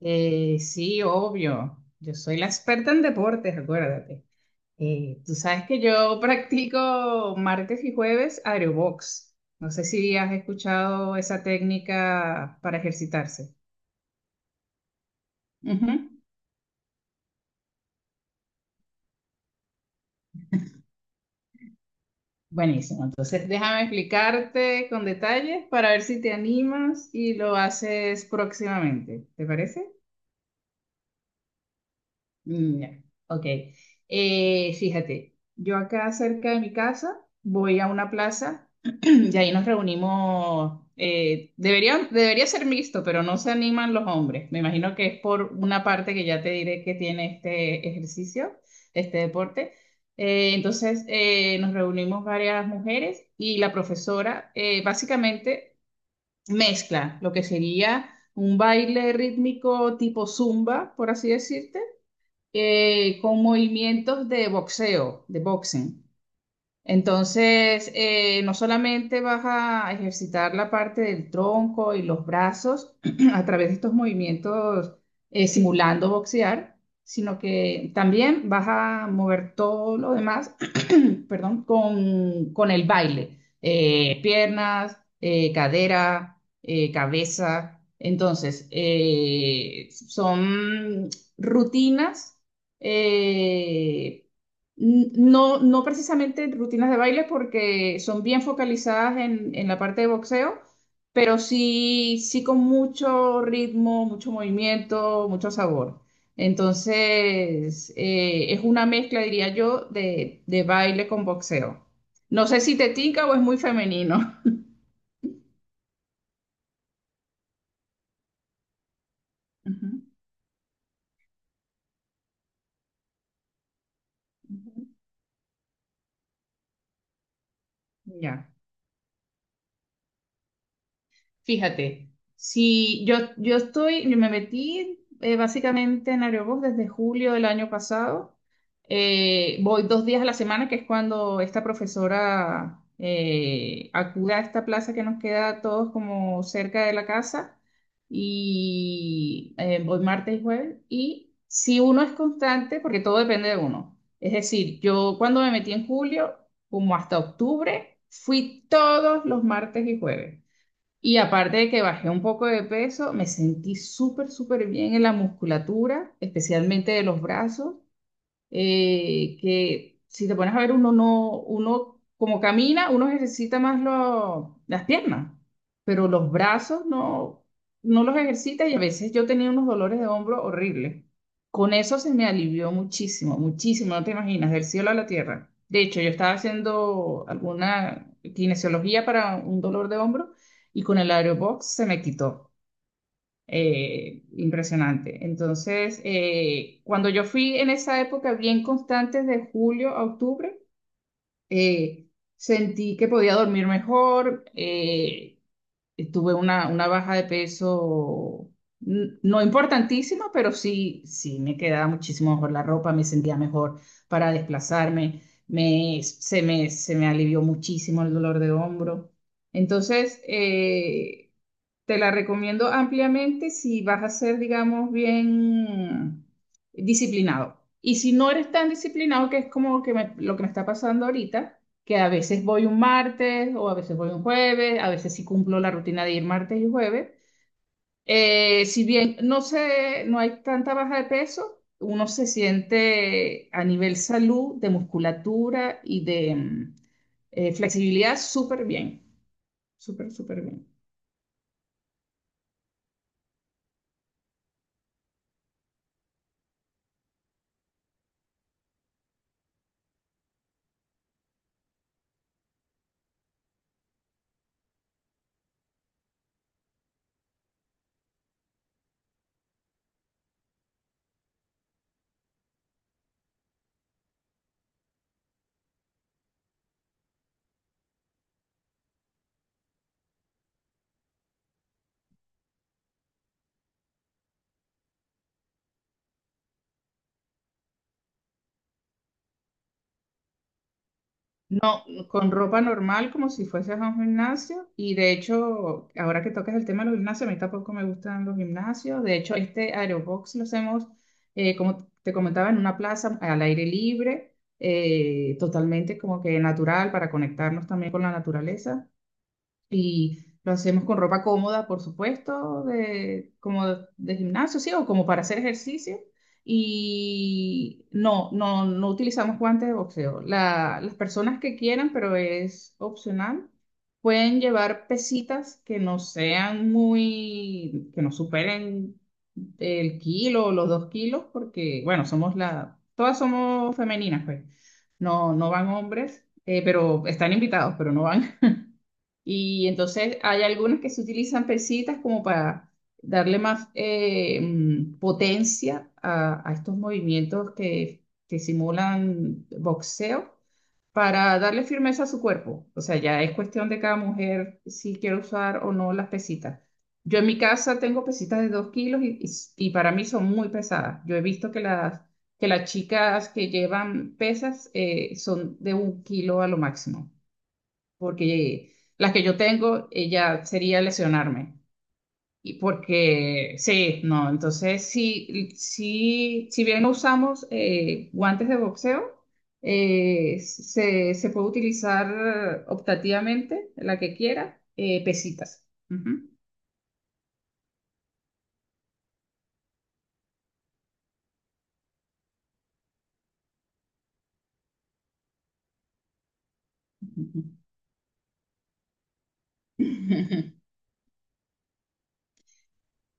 Sí, obvio. Yo soy la experta en deportes, acuérdate. Tú sabes que yo practico martes y jueves aerobox. No sé si has escuchado esa técnica para ejercitarse. Ujú. Buenísimo. Entonces, déjame explicarte con detalles para ver si te animas y lo haces próximamente. ¿Te parece? Ya, ok. Fíjate, yo acá cerca de mi casa voy a una plaza y ahí nos reunimos. Debería ser mixto, pero no se animan los hombres. Me imagino que es por una parte que ya te diré que tiene este ejercicio, este deporte. Entonces nos reunimos varias mujeres y la profesora básicamente mezcla lo que sería un baile rítmico tipo zumba, por así decirte, con movimientos de boxeo, de boxing. Entonces, no solamente vas a ejercitar la parte del tronco y los brazos a través de estos movimientos, simulando boxear, sino que también vas a mover todo lo demás. Perdón, con el baile. Piernas, cadera, cabeza. Entonces, son rutinas, eh, no precisamente rutinas de baile porque son bien focalizadas en la parte de boxeo, pero sí, sí con mucho ritmo, mucho movimiento, mucho sabor. Entonces, es una mezcla, diría yo, de baile con boxeo. No sé si te tinca o es muy femenino. Ujú, ujú. Ya. Fíjate, si yo, yo estoy, yo me metí básicamente en Aerobús desde julio del año pasado. Voy 2 días a la semana, que es cuando esta profesora acude a esta plaza que nos queda a todos como cerca de la casa. Y voy martes y jueves. Y si uno es constante, porque todo depende de uno. Es decir, yo cuando me metí en julio, como hasta octubre, fui todos los martes y jueves. Y aparte de que bajé un poco de peso, me sentí súper, súper bien en la musculatura, especialmente de los brazos, que si te pones a ver, uno no, uno como camina, uno ejercita más las piernas, pero los brazos no, no los ejercita, y a veces yo tenía unos dolores de hombro horribles. Con eso se me alivió muchísimo, muchísimo, no te imaginas, del cielo a la tierra. De hecho, yo estaba haciendo alguna kinesiología para un dolor de hombro y con el aerobox se me quitó, impresionante. Entonces, cuando yo fui en esa época bien constante, de julio a octubre, eh, sentí que podía dormir mejor, tuve una baja de peso no importantísima, pero sí, sí me quedaba muchísimo mejor la ropa, me sentía mejor para desplazarme, se me alivió muchísimo el dolor de hombro. Entonces, te la recomiendo ampliamente si vas a ser, digamos, bien disciplinado. Y si no eres tan disciplinado, que es como que lo que me está pasando ahorita, que a veces voy un martes o a veces voy un jueves, a veces sí cumplo la rutina de ir martes y jueves. Si bien no sé, no hay tanta baja de peso, uno se siente a nivel salud, de musculatura y de flexibilidad súper bien, súper, súper bien. No, con ropa normal, como si fueses a un gimnasio. Y de hecho, ahora que tocas el tema de los gimnasios, a mí tampoco me gustan los gimnasios. De hecho, este aerobox lo hacemos, como te comentaba, en una plaza al aire libre, totalmente como que natural para conectarnos también con la naturaleza. Y lo hacemos con ropa cómoda, por supuesto, como de gimnasio, sí, o como para hacer ejercicio. Y no, no, no utilizamos guantes de boxeo. Las personas que quieran, pero es opcional, pueden llevar pesitas que no sean muy, que no superen el kilo o los 2 kilos, porque, bueno, somos la, todas somos femeninas, pues. No, no van hombres, pero están invitados, pero no van. Y entonces hay algunas que se utilizan pesitas como para darle más potencia a estos movimientos que simulan boxeo para darle firmeza a su cuerpo. O sea, ya es cuestión de cada mujer si quiere usar o no las pesitas. Yo en mi casa tengo pesitas de 2 kilos y, y para mí son muy pesadas. Yo he visto que las chicas que llevan pesas son de un kilo a lo máximo porque las que yo tengo, ella sería lesionarme. Y porque, sí, no, entonces sí, sí, si bien no usamos guantes de boxeo, se puede utilizar optativamente la que quiera, pesitas. Ujú.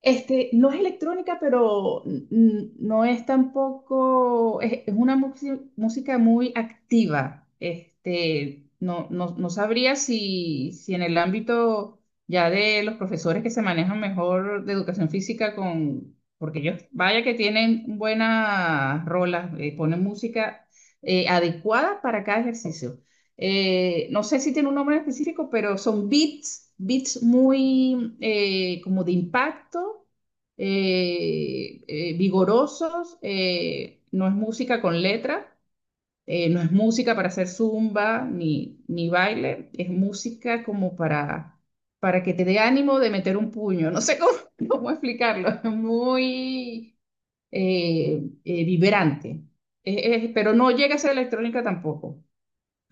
Este, no es electrónica, pero no es tampoco, es una música muy activa. Este, no, no, no sabría si, si en el ámbito ya de los profesores que se manejan mejor de educación física con, porque ellos, vaya que tienen buenas rolas, ponen música adecuada para cada ejercicio, no sé si tiene un nombre específico, pero son beats muy como de impacto, vigorosos, no es música con letra, no es música para hacer zumba ni, ni baile, es música como para que te dé ánimo de meter un puño, no sé cómo, cómo explicarlo, es muy vibrante. Pero no llega a ser electrónica tampoco.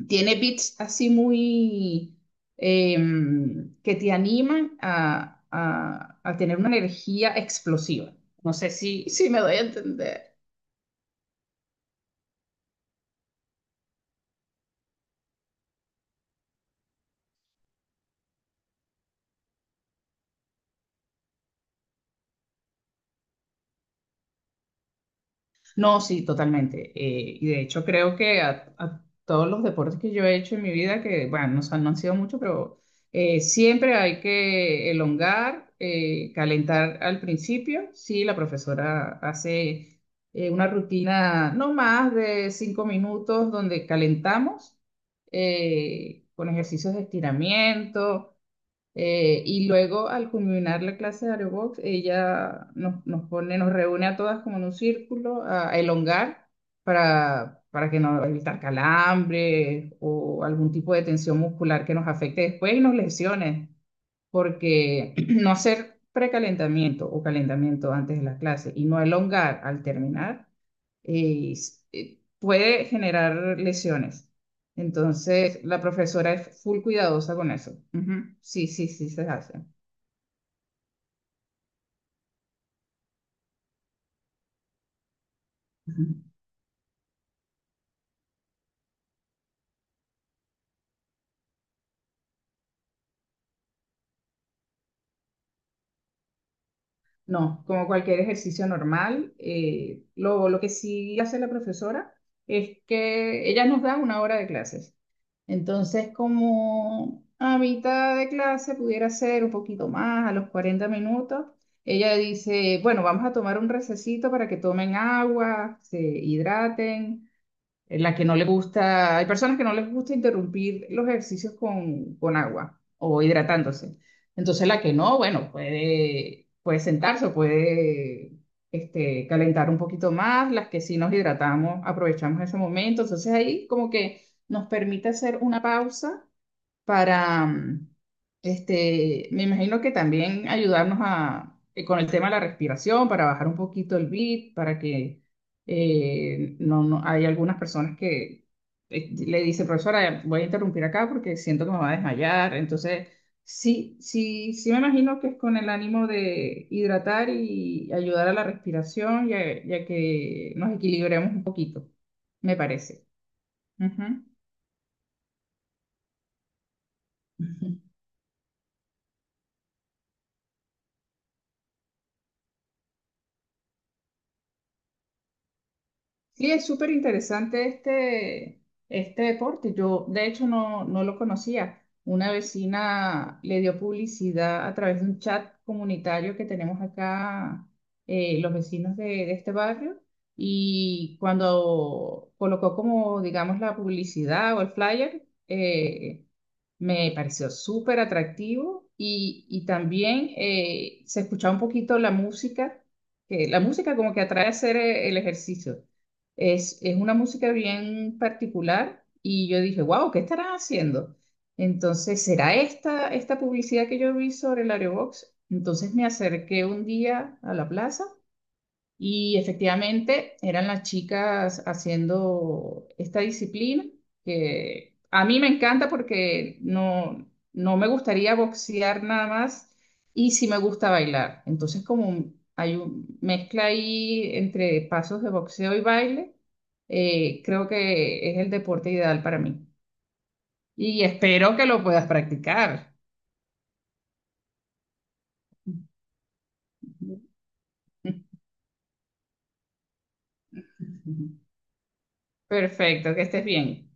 Tiene beats así muy que te animan a, a tener una energía explosiva. No sé si, si me doy a entender. No, sí, totalmente. Y de hecho creo que a todos los deportes que yo he hecho en mi vida, que bueno, no, no han sido muchos, pero siempre hay que elongar, calentar al principio. Sí, la profesora hace una rutina no más de 5 minutos donde calentamos con ejercicios de estiramiento. Y luego, al culminar la clase de aerobox, ella nos pone, nos reúne a todas como en un círculo a elongar para que no evitar calambres o algún tipo de tensión muscular que nos afecte después y nos lesiones, porque no hacer precalentamiento o calentamiento antes de la clase y no elongar al terminar puede generar lesiones. Entonces, la profesora es full cuidadosa con eso. Ujú. Sí, sí, sí, se hace. No, como cualquier ejercicio normal. Lo que sí hace la profesora es que ella nos da una hora de clases. Entonces, como a mitad de clase pudiera ser un poquito más, a los 40 minutos, ella dice, bueno, vamos a tomar un recesito para que tomen agua, se hidraten, en la que no le gusta, hay personas que no les gusta interrumpir los ejercicios con agua o hidratándose. Entonces la que no, bueno, puede, puede sentarse o puede este, calentar un poquito más, las que sí nos hidratamos, aprovechamos ese momento. Entonces ahí como que nos permite hacer una pausa para, me imagino que también ayudarnos a, con el tema de la respiración, para bajar un poquito el beat, para que no, no, hay algunas personas que le dicen, profesora, voy a interrumpir acá porque siento que me va a desmayar. Entonces, sí, sí, sí me imagino que es con el ánimo de hidratar y ayudar a la respiración y a que nos equilibremos un poquito, me parece. Ujú. Sí, es súper interesante este, este deporte. Yo, de hecho, no, no lo conocía. Una vecina le dio publicidad a través de un chat comunitario que tenemos acá, los vecinos de este barrio. Y cuando colocó como, digamos, la publicidad o el flyer, me pareció súper atractivo y también se escuchaba un poquito la música, que la música como que atrae a hacer el ejercicio. Es una música bien particular y yo dije, wow, ¿qué estarán haciendo? Entonces, ¿será esta, esta publicidad que yo vi sobre el Aerobox? Entonces me acerqué un día a la plaza y efectivamente eran las chicas haciendo esta disciplina que a mí me encanta porque no, no me gustaría boxear nada más y sí me gusta bailar. Entonces como hay una mezcla ahí entre pasos de boxeo y baile, creo que es el deporte ideal para mí. Y espero que lo puedas practicar. Perfecto, que estés bien.